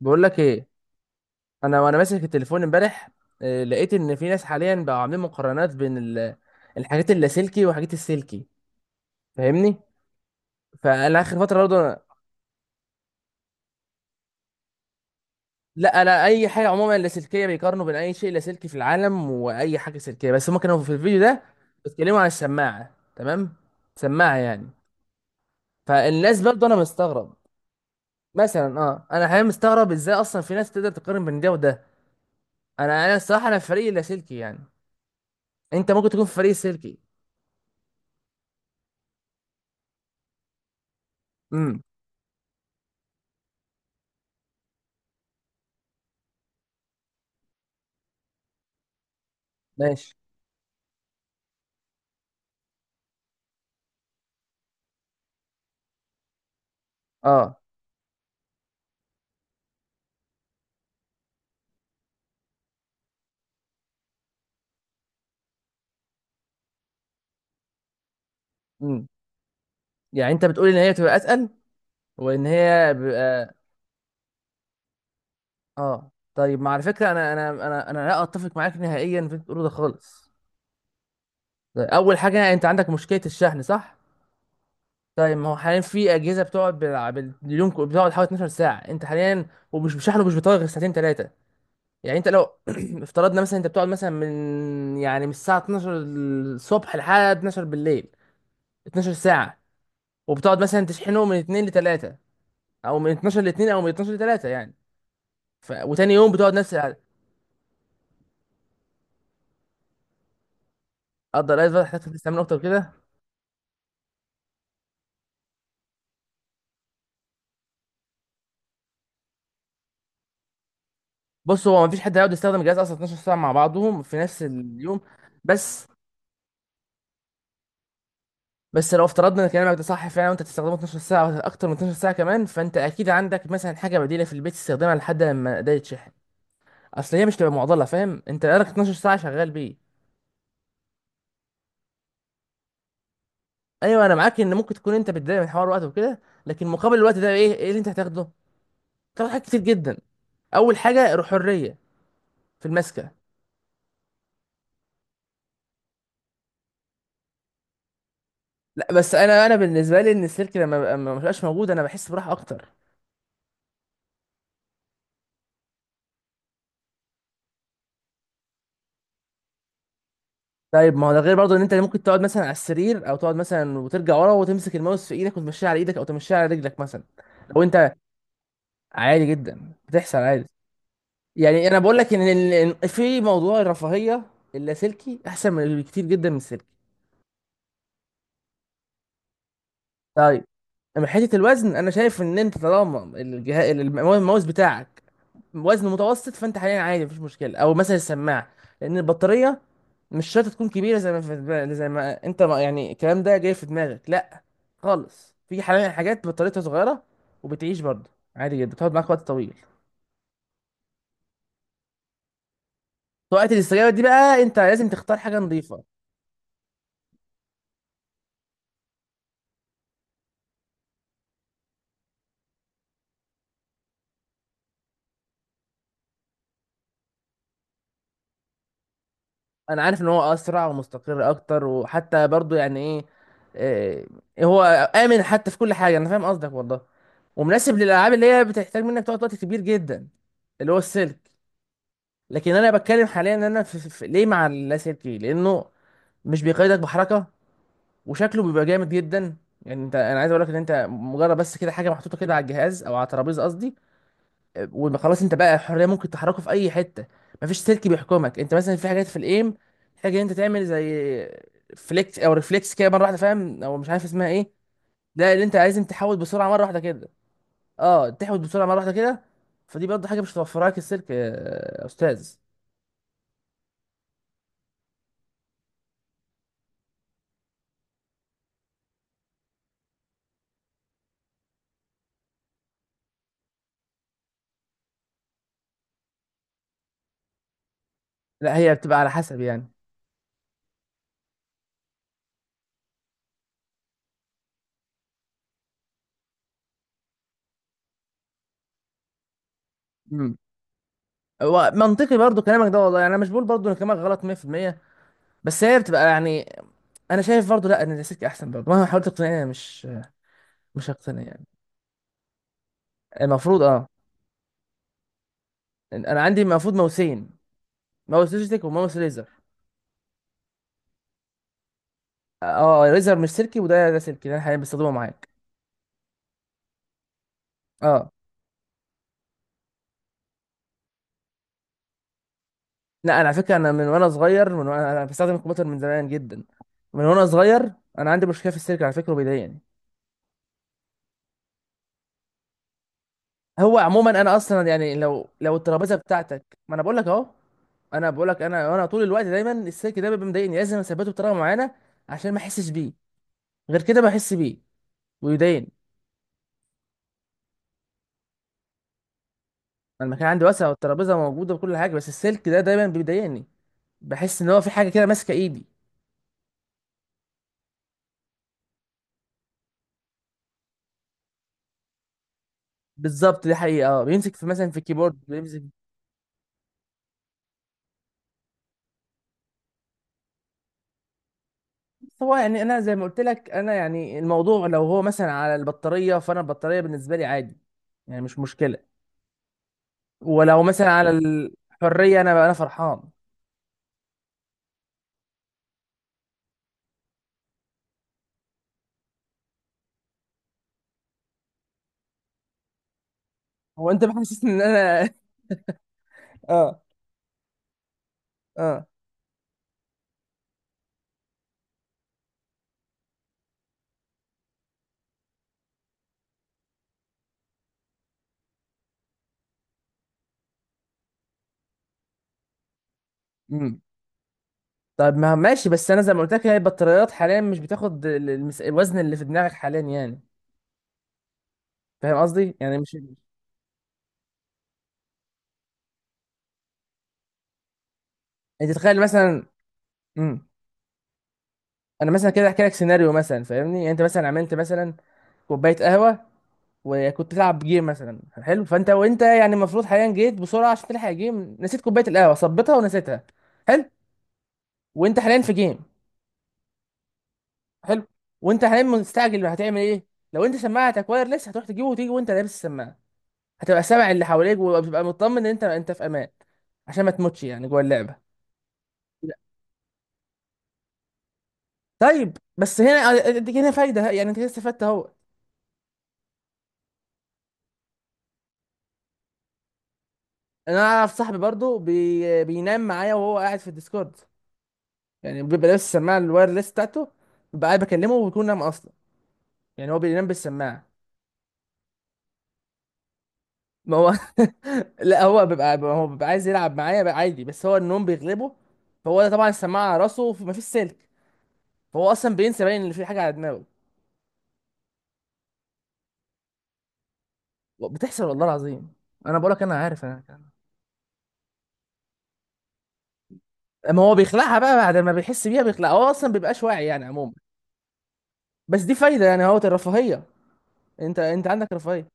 بقول لك ايه. انا وانا ماسك التليفون امبارح لقيت ان في ناس حاليا بقوا عاملين مقارنات بين الحاجات اللاسلكي وحاجات السلكي، فاهمني؟ فانا اخر فتره برضه لا لا اي حاجه عموما لاسلكيه بيقارنوا بين اي شيء لاسلكي في العالم واي حاجه سلكيه، بس هم كانوا في الفيديو ده بيتكلموا عن السماعه، تمام، سماعه يعني. فالناس برضه انا مستغرب مثلا، اه انا حاليا مستغرب ازاي اصلا في ناس تقدر تقارن بين ده وده. انا الصراحه انا في فريق اللاسلكي، يعني انت ممكن تكون في فريق السلكي. امم. ماشي. اه. امم. يعني انت بتقول ان هي بتبقى اسهل وان هي بيبقى؟ اه طيب، ما على فكره انا لا اتفق معاك نهائيا في اللي أنت بتقوله ده خالص. طيب، اول حاجه انت عندك مشكله الشحن، صح؟ طيب ما هو حاليا في اجهزه بتقعد باليوم بتقعد حوالي 12 ساعه انت حاليا، ومش بشحن ومش بيطول غير ساعتين ثلاثه. يعني انت لو افترضنا مثلا انت بتقعد مثلا من يعني من الساعه 12 الصبح لحد 12 بالليل، 12 ساعه، وبتقعد مثلا تشحنه من 2 ل 3 او من 12 ل 2 او من 12 ل 3 يعني. وتاني يوم بتقعد نفس القعده. افضل قاعد بقى تحتاج تستعمل اكتر كده. بص هو مفيش حد هيقعد يستخدم الجهاز اصلا 12 ساعه مع بعضهم في نفس اليوم. بس، لو افترضنا ان كلامك ده صح فعلا وانت تستخدمه 12 ساعه أو اكتر من 12 ساعه كمان، فانت اكيد عندك مثلا حاجه بديله في البيت تستخدمها لحد لما ده يتشحن. اصل هي مش تبقى معضله، فاهم؟ انت بقالك 12 ساعه شغال بيه. ايوه انا معاك ان ممكن تكون انت بتضايق من حوار الوقت وكده، لكن مقابل الوقت ده ايه ايه اللي انت هتاخده؟ تاخد حاجات كتير جدا. اول حاجه الحريه في المسكه. لا بس انا بالنسبه لي ان السلك لما ما بقاش موجود انا بحس براحه اكتر. طيب ما هو ده غير برضه ان انت ممكن تقعد مثلا على السرير او تقعد مثلا وترجع ورا وتمسك الماوس في ايدك وتمشيه على ايدك او تمشيه على رجلك مثلا. لو انت عادي جدا بتحصل عادي. يعني انا بقول لك ان إن في موضوع الرفاهيه اللاسلكي احسن من كتير جدا من السلكي. طيب، من حته الوزن انا شايف ان انت طالما الجهاز الماوس بتاعك وزنه متوسط فانت حاليا عادي مفيش مشكله، او مثلا السماعه، لان البطاريه مش شرط تكون كبيره زي ما في زي ما انت ما يعني الكلام ده جاي في دماغك، لا خالص، في حاليا حاجات بطاريتها صغيره وبتعيش برضه عادي جدا بتقعد معاك وقت طويل. في وقت الاستجابه دي بقى انت لازم تختار حاجه نظيفه. انا عارف ان هو اسرع ومستقر اكتر، وحتى برضه يعني ايه، اه، هو امن حتى في كل حاجه، انا فاهم قصدك والله، ومناسب للالعاب اللي هي بتحتاج منك تقعد وقت كبير جدا، اللي هو السلك. لكن انا بتكلم حاليا ان انا ليه مع اللاسلكي، لانه مش بيقيدك بحركه، وشكله بيبقى جامد جدا. يعني انت، انا عايز اقول لك ان انت مجرد بس كده حاجه محطوطه كده على الجهاز او على الترابيزه قصدي، وخلاص انت بقى حريه، ممكن تحركه في اي حته، مفيش سلك بيحكمك. انت مثلا في حاجات في الايم، حاجه انت تعمل زي فليكس او ريفلكس كده مره واحده، فاهم؟ او مش عارف اسمها ايه. ده اللي انت لازم تحاول بسرعه مره واحده كده. اه، تحاول بسرعه مره واحده كده. فدي برضه حاجه مش هتوفرها لك السلك. يا استاذ، لا هي بتبقى على حسب يعني. امم. هو منطقي برضه كلامك ده والله، يعني انا مش بقول برضه ان كلامك غلط 100%، بس هي بتبقى يعني. انا شايف برضو لا ان الكلاسيك احسن برضو، مهما حاولت تقنعني أنا مش، مش هقتنع يعني. المفروض اه. انا عندي المفروض ماوسين، ماوس لوجيتك وماوس ريزر. اه ريزر مش سلكي، ده سلكي، ده انا حاليا بستخدمه معاك. اه. لا انا على فكره، انا من وانا صغير من وانا بستخدم الكمبيوتر من زمان جدا، من وانا صغير، انا عندي مشكله في السلك على فكره وبيضايقني. هو عموما انا اصلا يعني لو لو الترابيزه بتاعتك، ما انا بقول لك اهو، انا بقول لك انا طول الوقت دايما السلك ده بيبقى مضايقني، لازم اثبته بطريقه معينه عشان ما احسش بيه، غير كده بحس بيه ويضايقني. أنا المكان عندي واسع والترابيزه موجوده وكل حاجه، بس السلك ده دايما بيضايقني، بحس ان هو في حاجه كده ماسكه ايدي. بالظبط دي حقيقه، اه بيمسك في مثلا في الكيبورد بيمسك. بس هو يعني انا زي ما قلت لك، انا يعني الموضوع لو هو مثلا على البطاريه فانا البطاريه بالنسبه لي عادي، يعني مش مشكله. ولو مثلا على الحريه انا فرحان. هو انت بتحسسني ان انا اه. اه. امم. طب ما ماشي، بس انا زي ما قلت لك، هي البطاريات حاليا مش بتاخد الوزن اللي في دماغك حاليا، يعني فاهم قصدي يعني مش، انت تتخيل مثلا. امم. انا مثلا كده احكي لك سيناريو مثلا، فاهمني؟ يعني انت مثلا عملت مثلا كوبايه قهوه، وكنت تلعب جيم مثلا، حلو؟ فانت وانت يعني المفروض حاليا جيت بسرعه عشان تلحق جيم، نسيت كوبايه القهوه، صبتها ونسيتها، حلو، وانت حاليا في جيم، حلو، وانت حاليا مستعجل، هتعمل ايه؟ لو انت سماعتك وايرلس هتروح تجيبه وتيجي وانت لابس السماعه، هتبقى سامع اللي حواليك وبتبقى مطمن ان انت، انت في امان، عشان ما تموتش يعني جوه اللعبه. طيب بس هنا اديك هنا فايده، يعني انت كده استفدت اهو. انا اعرف صاحبي برضو بينام معايا وهو قاعد في الديسكورد، يعني بيبقى لابس السماعه الوايرلس بتاعته، ببقى قاعد بكلمه وبيكون نام اصلا، يعني هو بينام بالسماعه. ما هو، لا هو بيبقى، هو بيبقى عايز يلعب معايا بقى عادي، بس هو النوم بيغلبه، فهو ده طبعا السماعه على راسه مفيش سلك، فهو اصلا بينسى باين ان في حاجه على دماغه. بتحصل والله العظيم، انا بقولك انا عارف انا. ما هو بيخلعها بقى بعد ما بيحس بيها، بيخلعها، هو اصلا بيبقاش واعي يعني عموما. بس دي فايده، يعني هو الرفاهيه، انت، انت عندك رفاهيه.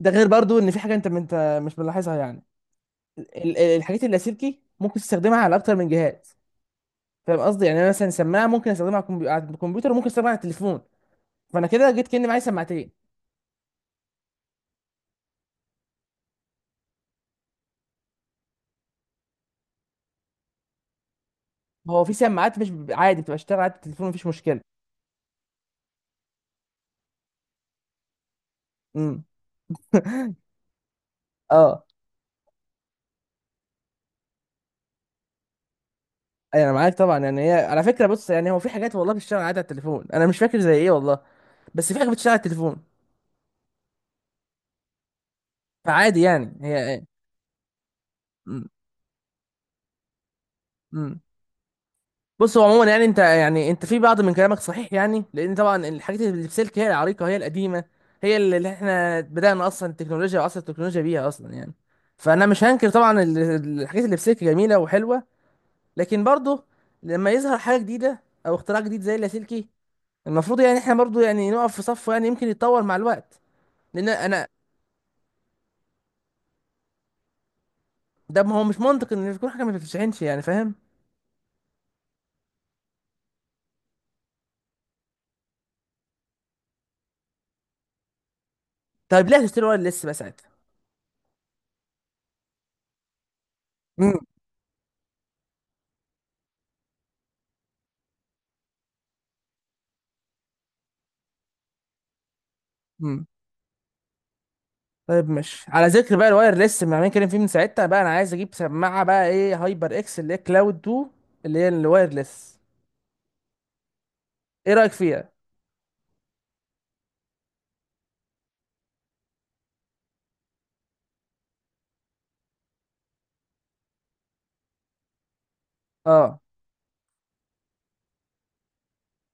ده غير برضو ان في حاجه انت، انت مش ملاحظها يعني. الحاجات اللاسلكي ممكن تستخدمها على اكتر من جهاز، فاهم قصدي؟ يعني انا مثلا سماعه ممكن استخدمها على على الكمبيوتر وممكن استخدمها على التليفون، فانا كده جيت كاني معايا سماعتين. هو في سماعات مش بيبقى عادي بتبقى اشتغل على التليفون مفيش مشكله. امم. اه. انا معاك طبعا، يعني هي على فكره بص، يعني هو في حاجات والله بتشتغل عادي على التليفون، انا مش فاكر زي ايه والله، بس في حاجه بتشتغل على التليفون، فعادي يعني هي. ايه. بص هو عموما يعني انت، يعني انت في بعض من كلامك صحيح، يعني لان طبعا الحاجات اللي في سلك هي العريقه، هي القديمه، هي اللي، اللي احنا بدانا اصلا التكنولوجيا وعصر التكنولوجيا بيها اصلا يعني، فانا مش هنكر طبعا الحاجات اللي في سلك جميله وحلوه. لكن برضه لما يظهر حاجه جديده او اختراع جديد زي اللاسلكي، المفروض يعني احنا برضه يعني نقف في صفه، يعني يمكن يتطور مع الوقت. لان انا، ده ما هو مش منطق ان يكون حاجه ما بتتشحنش، يعني فاهم. طيب ليه هتشتري ورق اللص بقى ساعتها؟ مم. طيب، ماشي، على ذكر بقى الواير ليس ما عمالين نتكلم فيه من ساعتها بقى، انا عايز اجيب سماعه بقى ايه، هايبر اكس اللي هي كلاود 2، اللي هي الواير ليس. ايه رايك فيها؟ اه.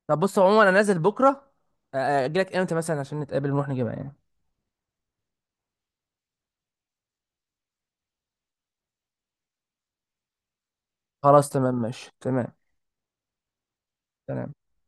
طب بص عموما انا نازل بكره، اجي لك امتى مثلا عشان نتقابل ونروح نجيبها يعني؟ خلاص تمام، ماشي، تمام، تمام.